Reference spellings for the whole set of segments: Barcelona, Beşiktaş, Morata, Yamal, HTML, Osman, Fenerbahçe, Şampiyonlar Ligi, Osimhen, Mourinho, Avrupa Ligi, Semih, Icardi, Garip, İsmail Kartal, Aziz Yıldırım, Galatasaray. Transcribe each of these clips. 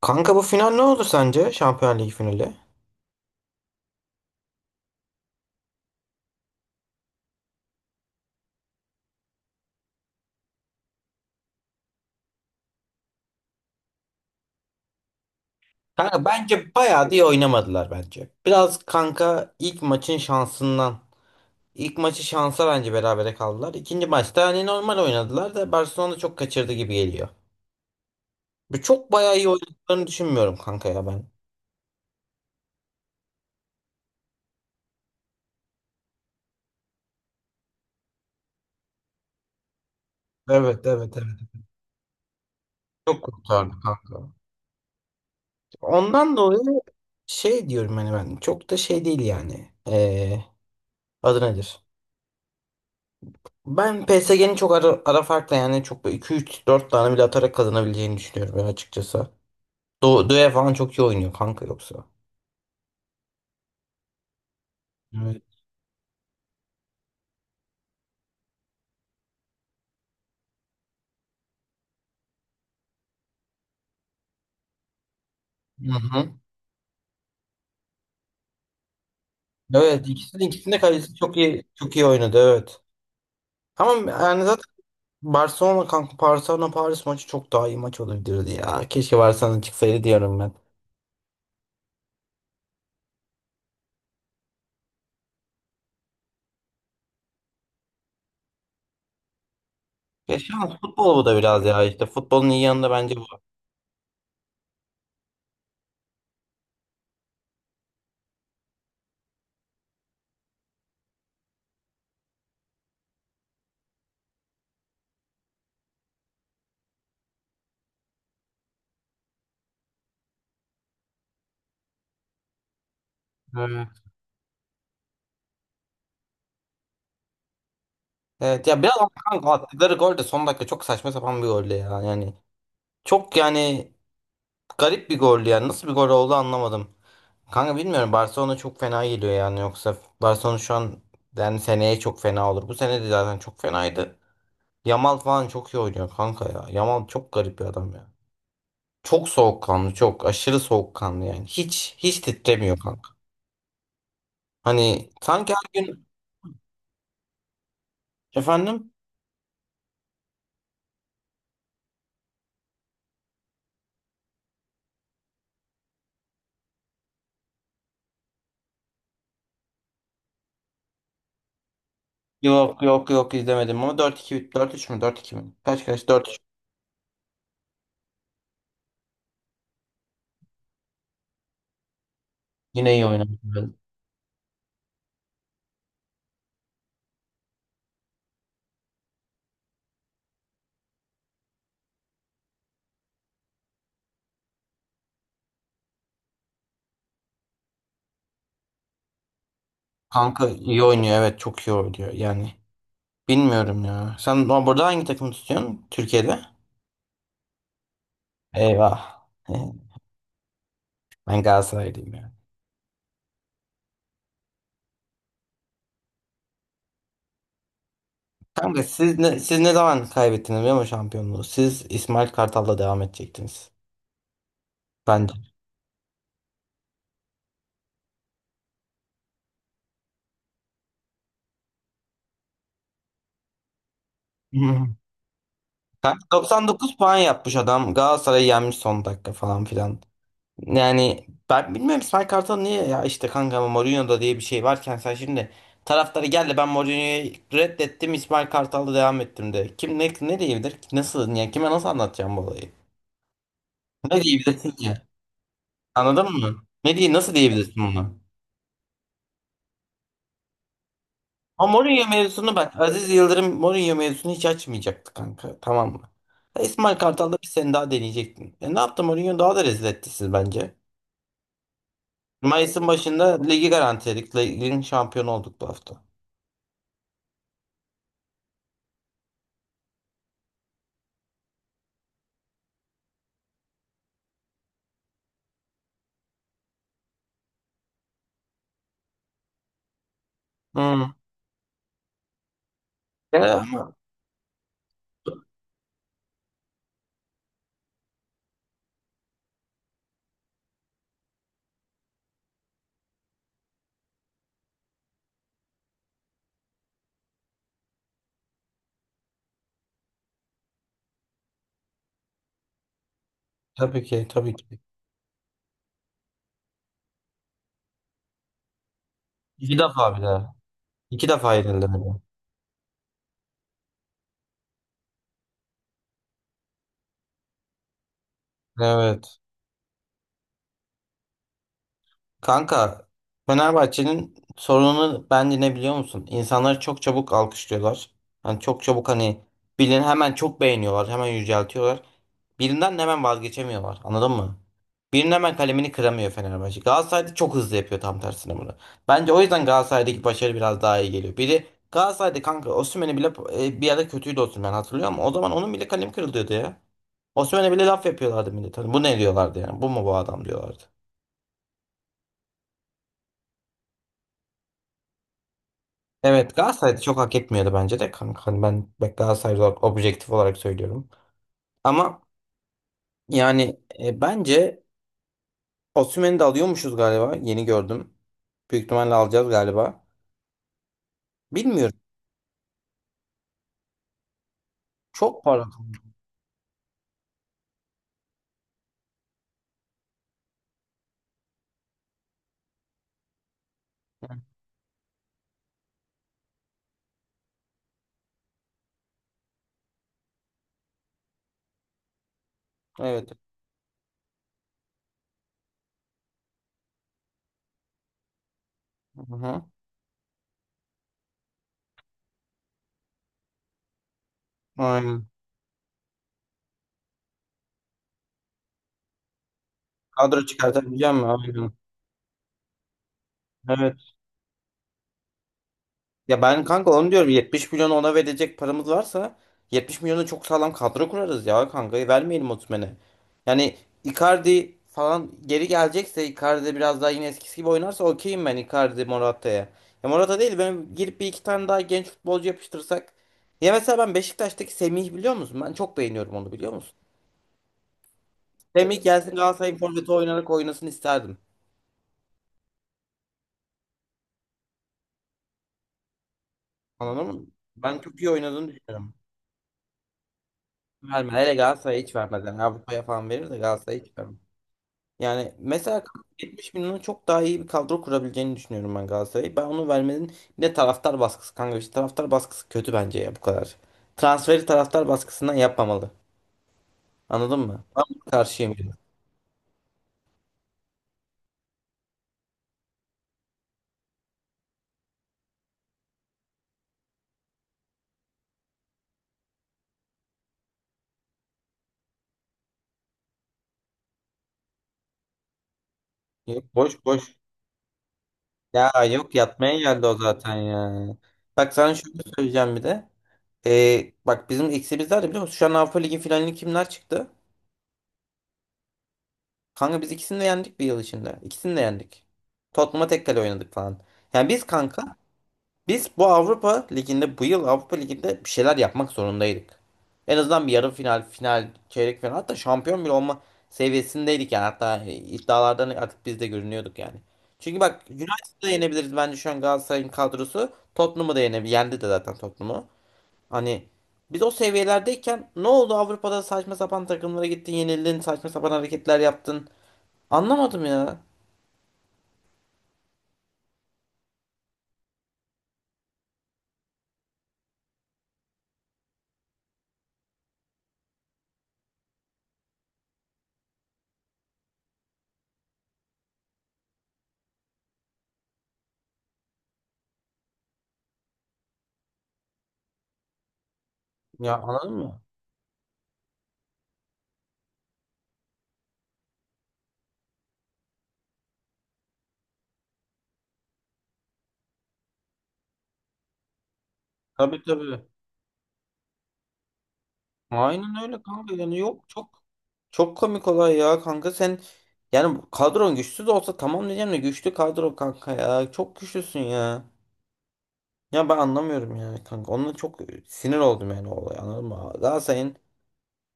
Kanka bu final ne olur sence? Şampiyonlar Ligi finali. Kanka bence bayağı da iyi oynamadılar bence. Biraz kanka ilk maçın şansından. İlk maçı şansa bence berabere kaldılar. İkinci maçta hani normal oynadılar da Barcelona çok kaçırdı gibi geliyor. Bu çok bayağı iyi oynadıklarını düşünmüyorum kanka ya ben. Evet evet evet. Çok kurtardı kanka. Ondan dolayı şey diyorum hani ben çok da şey değil yani. Adı nedir? Ben PSG'nin çok ara farkla yani çok 2-3-4 tane bile atarak kazanabileceğini düşünüyorum ya açıkçası. Doe falan çok iyi oynuyor kanka yoksa. Evet. Hı hı. Evet ikisinin ikisinde kalecisi çok iyi çok iyi oynadı evet. Ama yani zaten Barcelona kanka, Barcelona Paris maçı çok daha iyi maç olabilirdi ya. Keşke Barcelona çıksaydı diyorum ben. Keşke, ama futbol bu da biraz ya, işte futbolun iyi yanı da bence bu. Evet. Evet ya, biraz ama kanka attıkları gol de son dakika çok saçma sapan bir golle ya yani. Çok yani, garip bir goldü yani. Nasıl bir gol oldu anlamadım. Kanka bilmiyorum. Barcelona çok fena geliyor yani. Yoksa Barcelona şu an, yani seneye çok fena olur. Bu sene de zaten çok fenaydı. Yamal falan çok iyi oynuyor kanka ya. Yamal çok garip bir adam ya. Çok soğukkanlı, çok aşırı soğukkanlı yani. Hiç titremiyor kanka. Hani sanki her gün efendim, yok yok yok, izlemedim ama 4-2, 4-3 mü, 4-2 mi? Kaç kaç, 4-3. Yine iyi oynadı. Kanka iyi oynuyor, evet çok iyi oynuyor yani. Bilmiyorum ya. Sen burada hangi takımı tutuyorsun? Türkiye'de? Eyvah. Ben Galatasaraylıyım ya. Kanka siz ne zaman kaybettiniz biliyor musun şampiyonluğu? Siz İsmail Kartal'la devam edecektiniz. Bence. Hmm. Kanka 99 puan yapmış adam. Galatasaray'ı yenmiş son dakika falan filan. Yani ben bilmiyorum İsmail Kartal niye ya, işte kanka ama Mourinho'da diye bir şey varken sen şimdi taraftarı geldi ben Mourinho'yu reddettim, İsmail Kartal'la devam ettim de. Kim ne diyebilir? Nasıl yani, kime nasıl anlatacağım bu olayı? Ne diyebilirsin ki? Anladın mı? Ne diye nasıl diyebilirsin ona? Ama Mourinho mevzusunu, bak Aziz Yıldırım Mourinho mevzusunu hiç açmayacaktı kanka. Tamam mı? Ya İsmail Kartal'da bir sene daha deneyecektin. E ne yaptı Mourinho, daha da rezil etti siz bence. Mayıs'ın başında ligi garantiledik. Ligin şampiyonu olduk bu hafta. Hmm. Ama tabii ki, tabii ki. İki defa bir daha. İki defa yenildi. Evet. Kanka Fenerbahçe'nin sorununu bence ne biliyor musun? İnsanları çok çabuk alkışlıyorlar. Hani çok çabuk, hani birini hemen çok beğeniyorlar. Hemen yüceltiyorlar. Birinden de hemen vazgeçemiyorlar. Anladın mı? Birinin hemen kalemini kıramıyor Fenerbahçe. Galatasaray'da çok hızlı yapıyor tam tersine bunu. Bence o yüzden Galatasaray'daki başarı biraz daha iyi geliyor. Biri Galatasaray'da kanka, Osimhen'i bile bir ara kötüydü Osimhen, hatırlıyor musun? O zaman onun bile kalemi kırılıyordu ya. Osimhen'e bile laf yapıyorlardı millet. Hani bu ne diyorlardı yani? Bu mu bu adam diyorlardı. Evet Galatasaray'da çok hak etmiyordu bence de kanka. Hani ben bak Galatasaray olarak objektif olarak söylüyorum. Ama yani bence Osimhen'i de alıyormuşuz galiba. Yeni gördüm. Büyük ihtimalle alacağız galiba. Bilmiyorum. Çok parlak. Evet. Hı hı. Aynen. Kadro çıkartabileceğim mi? Aynen. Evet. Ya ben kanka onu diyorum, 70 milyonu ona verecek paramız varsa 70 milyonu çok sağlam kadro kurarız ya kanka, vermeyelim Osimhen'e. Yani Icardi falan geri gelecekse, Icardi de biraz daha yine eskisi gibi oynarsa okeyim ben Icardi Morata'ya. Ya Morata değil, ben girip bir iki tane daha genç futbolcu yapıştırsak. Ya mesela ben Beşiktaş'taki Semih, biliyor musun? Ben çok beğeniyorum onu, biliyor musun? Semih gelsin Galatasaray'ın forveti oynarak oynasın isterdim. Anladın mı? Ben çok iyi oynadığını düşünüyorum. Verme. Hele Galatasaray'a hiç vermez. Yani Avrupa'ya falan verir de Galatasaray'a hiç vermez. Yani mesela 70 milyona çok daha iyi bir kadro kurabileceğini düşünüyorum ben Galatasaray'ı. Ben onu vermenin, bir de taraftar baskısı kanka, işte taraftar baskısı kötü bence ya bu kadar. Transferi taraftar baskısından yapmamalı. Anladın mı? Ben buna karşıyım. Yok, boş boş. Ya yok, yatmaya geldi o zaten ya. Bak sana şunu söyleyeceğim bir de. Bak bizim eksimiz nerede biliyor musun? Şu an Avrupa Ligi finalini kimler çıktı? Kanka biz ikisini de yendik bir yıl içinde. İkisini de yendik. Tottenham'a tek kale oynadık falan. Yani biz kanka, biz bu Avrupa Ligi'nde, bu yıl Avrupa Ligi'nde bir şeyler yapmak zorundaydık. En azından bir yarı final, final, çeyrek final, hatta şampiyon bile olma seviyesindeydik yani, hatta iddialardan artık biz de görünüyorduk yani. Çünkü bak United'ı da yenebiliriz bence şu an Galatasaray'ın kadrosu. Tottenham'ı da yenebilir. Yendi de zaten Tottenham'ı. Hani biz o seviyelerdeyken ne oldu Avrupa'da, saçma sapan takımlara gittin, yenildin, saçma sapan hareketler yaptın. Anlamadım ya. Ya anladın mı? Tabii, tabii. Aynen öyle kanka, yani yok çok çok komik olay ya kanka sen, yani kadron güçsüz de olsa tamam diyeceğim de, güçlü kadro kanka, ya çok güçlüsün ya. Ya ben anlamıyorum yani kanka, onunla çok sinir oldum yani o olay, anladın mı? Galatasaray'ın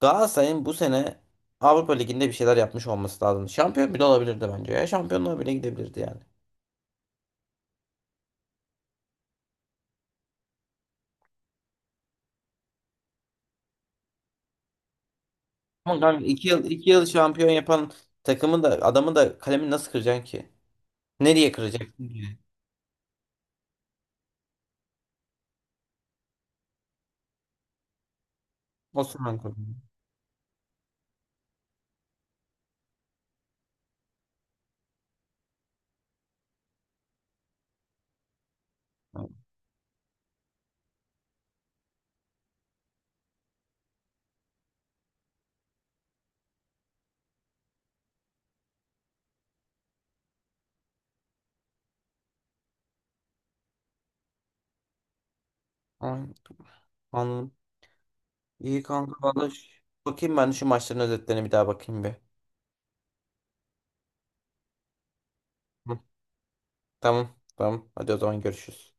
Galatasaray'ın bu sene Avrupa Ligi'nde bir şeyler yapmış olması lazım. Şampiyon bile olabilirdi bence ya, şampiyonluğa bile gidebilirdi yani. Ama kanka iki yıl şampiyon yapan takımı da adamı da kalemi nasıl kıracaksın ki? Nereye kıracaksın ki? Osman kırdı. Aynen. Anladım. İyi kanka valla, bakayım ben şu maçların özetlerine bir daha, bakayım bir. Hı. Tamam tamam, hadi o zaman görüşürüz.